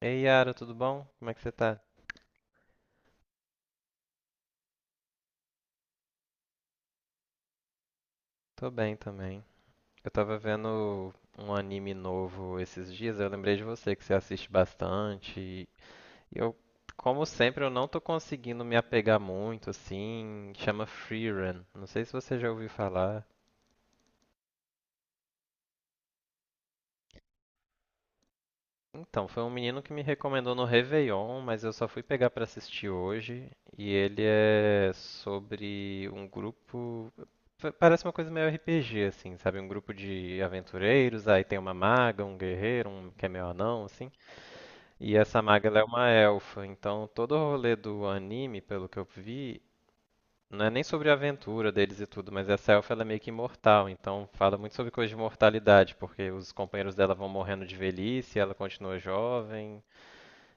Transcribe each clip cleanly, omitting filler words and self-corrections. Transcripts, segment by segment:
Ei, Yara, tudo bom? Como é que você tá? Tô bem também. Eu tava vendo um anime novo esses dias, eu lembrei de você que você assiste bastante. E eu, como sempre, eu não tô conseguindo me apegar muito, assim. Chama Free Run. Não sei se você já ouviu falar. Então, foi um menino que me recomendou no Réveillon, mas eu só fui pegar pra assistir hoje. E ele é sobre um grupo. Parece uma coisa meio RPG, assim, sabe? Um grupo de aventureiros, aí tem uma maga, um guerreiro, um que é meio anão, assim. E essa maga ela é uma elfa, então todo o rolê do anime, pelo que eu vi, não é nem sobre a aventura deles e tudo, mas essa elfa ela é meio que imortal, então fala muito sobre coisa de mortalidade, porque os companheiros dela vão morrendo de velhice, ela continua jovem.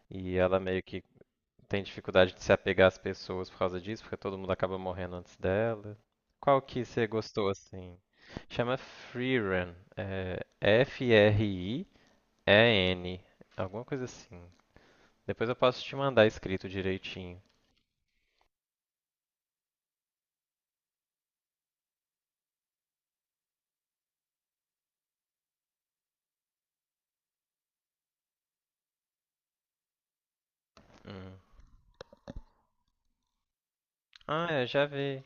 E ela meio que tem dificuldade de se apegar às pessoas por causa disso, porque todo mundo acaba morrendo antes dela. Qual que você gostou assim? Chama Freerun, é F-R-I-E-N, alguma coisa assim. Depois eu posso te mandar escrito direitinho. Hum. Ah, é, já vi.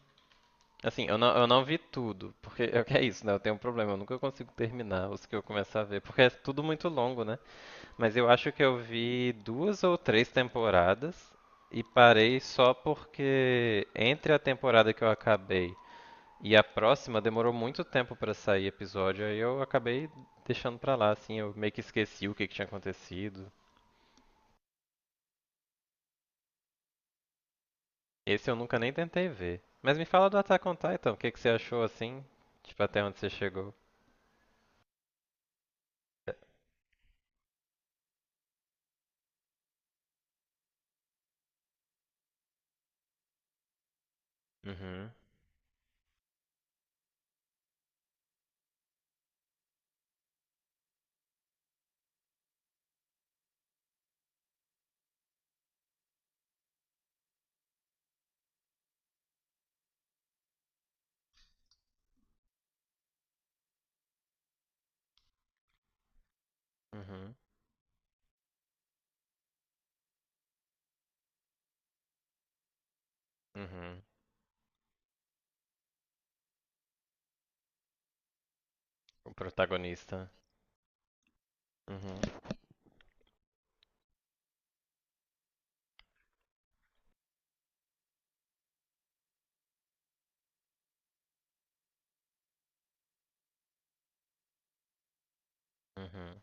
Assim, eu não vi tudo, porque é o que é isso, né? Eu tenho um problema, eu nunca consigo terminar os que eu começar a ver, porque é tudo muito longo, né? Mas eu acho que eu vi duas ou três temporadas e parei só porque entre a temporada que eu acabei e a próxima demorou muito tempo pra sair episódio, aí eu acabei deixando pra lá, assim, eu meio que esqueci o que que tinha acontecido. Esse eu nunca nem tentei ver. Mas me fala do Attack on Titan, o que que você achou assim? Tipo, até onde você chegou? Uhum, uhum, uhum. O protagonista. Uhum, uhum.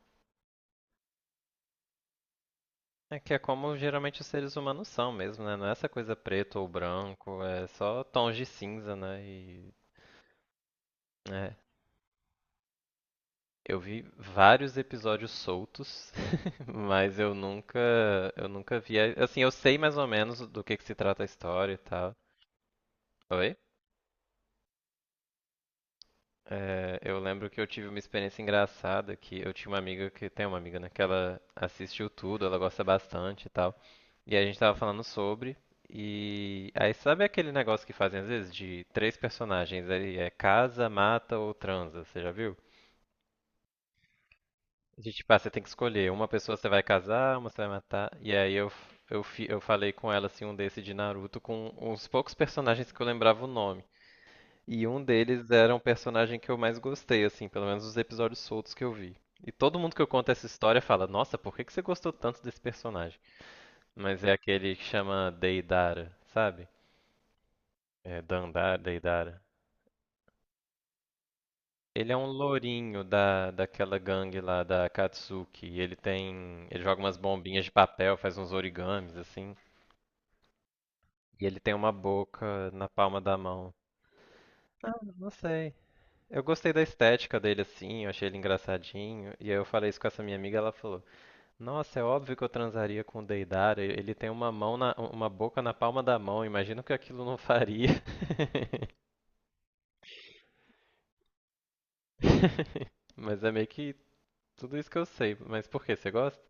É que é como geralmente os seres humanos são mesmo, né? Não é essa coisa preto ou branco, é só tons de cinza, né? E é, eu vi vários episódios soltos, mas eu nunca, assim, eu sei mais ou menos do que se trata a história e tal. Oi? É, eu lembro que eu tive uma experiência engraçada que eu tinha uma amiga que tem uma amiga, né, que ela assistiu tudo, ela gosta bastante e tal. E a gente tava falando sobre e aí sabe aquele negócio que fazem às vezes de três personagens, aí é casa, mata ou transa, você já viu? De tipo, ah, você tem que escolher, uma pessoa você vai casar, uma você vai matar. E aí eu falei com ela assim um desse de Naruto com uns poucos personagens que eu lembrava o nome. E um deles era um personagem que eu mais gostei, assim, pelo menos os episódios soltos que eu vi. E todo mundo que eu conto essa história fala, nossa, por que que você gostou tanto desse personagem? Mas é aquele que chama Deidara, sabe? É Dandara, Deidara. Ele é um lourinho da, daquela gangue lá da Katsuki. E ele tem. Ele joga umas bombinhas de papel, faz uns origamis, assim. E ele tem uma boca na palma da mão. Eu não sei. Eu gostei da estética dele, assim, eu achei ele engraçadinho. E aí eu falei isso com essa minha amiga, ela falou. Nossa, é óbvio que eu transaria com o Deidara. Ele tem uma mão na, uma boca na palma da mão. Imagino que aquilo não faria. Mas é meio que tudo isso que eu sei. Mas por que você gosta?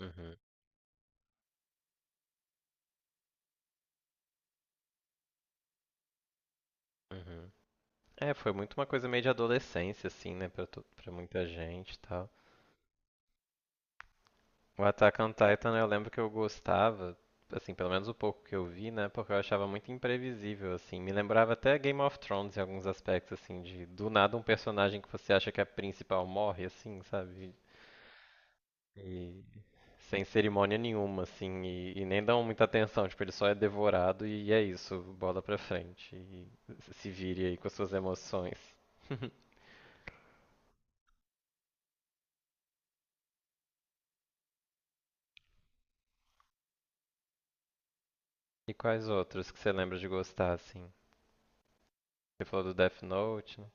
Uhum, uhum. É, foi muito uma coisa meio de adolescência, assim, né, pra muita gente e tal. O Attack on Titan eu lembro que eu gostava, assim, pelo menos o pouco que eu vi, né? Porque eu achava muito imprevisível, assim. Me lembrava até Game of Thrones em alguns aspectos, assim, de do nada um personagem que você acha que é principal morre, assim, sabe? E sem cerimônia nenhuma, assim, e nem dão muita atenção. Tipo, ele só é devorado e é isso, bola pra frente. E se vire aí com as suas emoções. E quais outros que você lembra de gostar, assim? Você falou do Death Note, né?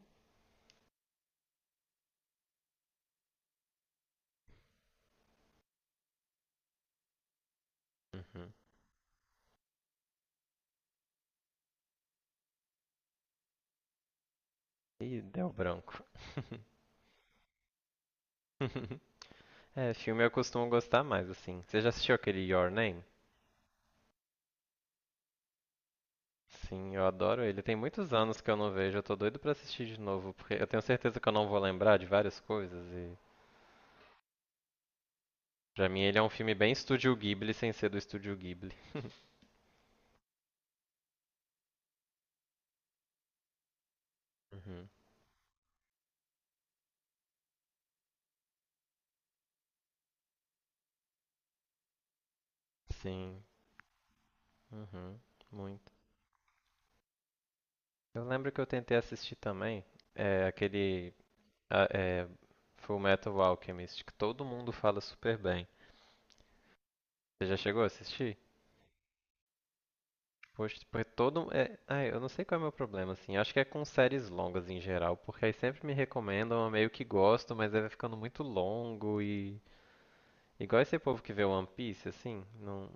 Uhum. Ih, deu branco. É, filme eu costumo gostar mais, assim. Você já assistiu aquele Your Name? Sim, eu adoro ele. Tem muitos anos que eu não vejo, eu tô doido pra assistir de novo, porque eu tenho certeza que eu não vou lembrar de várias coisas e pra mim ele é um filme bem Estúdio Ghibli sem ser do Estúdio Ghibli. Uhum. Sim, uhum, muito. Eu lembro que eu tentei assistir também é, aquele a- é, Full Metal Alchemist, que todo mundo fala super bem. Você já chegou a assistir? Poxa, porque todo. É... ah, eu não sei qual é o meu problema, assim. Acho que é com séries longas em geral, porque aí sempre me recomendam, eu meio que gosto, mas aí vai ficando muito longo e. Igual esse povo que vê One Piece, assim. Não.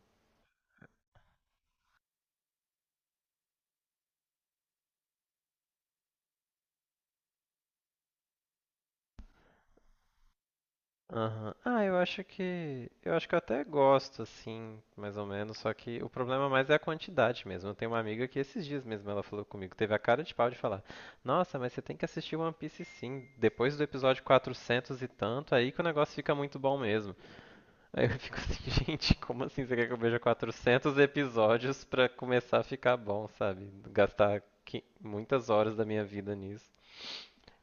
Aham. Ah, eu acho que. Eu acho que eu até gosto, assim, mais ou menos, só que o problema mais é a quantidade mesmo. Eu tenho uma amiga que esses dias mesmo ela falou comigo, teve a cara de pau de falar: Nossa, mas você tem que assistir One Piece sim, depois do episódio 400 e tanto, aí que o negócio fica muito bom mesmo. Aí eu fico assim, gente, como assim você quer que eu veja 400 episódios pra começar a ficar bom, sabe? Gastar muitas horas da minha vida nisso.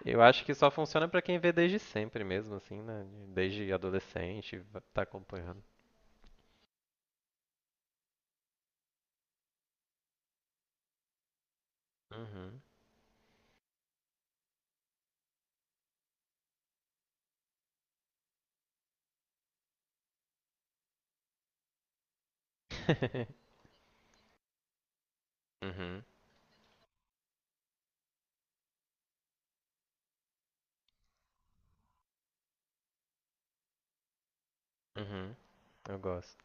Eu acho que só funciona pra quem vê desde sempre mesmo, assim, né? Desde adolescente, tá acompanhando. Uhum. Uhum. Uhum. Eu gosto.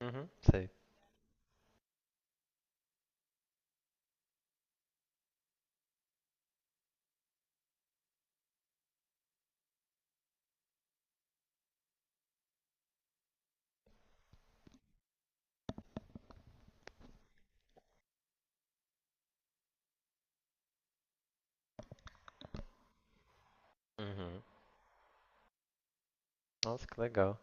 Uhum. Sei. Uhum. Nossa, que legal.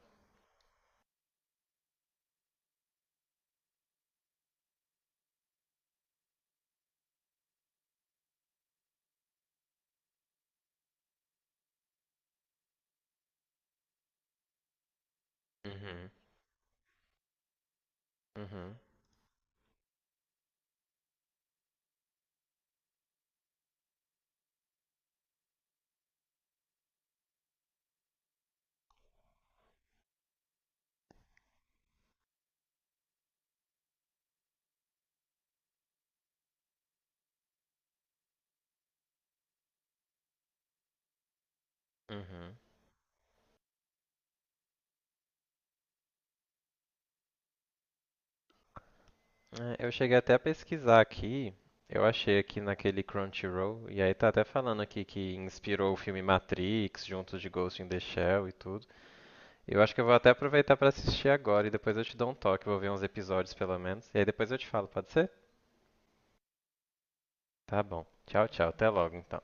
Uhum. Uhum. Uhum. É, eu cheguei até a pesquisar aqui, eu achei aqui naquele Crunchyroll, e aí tá até falando aqui que inspirou o filme Matrix, junto de Ghost in the Shell e tudo. Eu acho que eu vou até aproveitar pra assistir agora e depois eu te dou um toque, vou ver uns episódios pelo menos, e aí depois eu te falo, pode ser? Tá bom. Tchau, tchau, até logo então.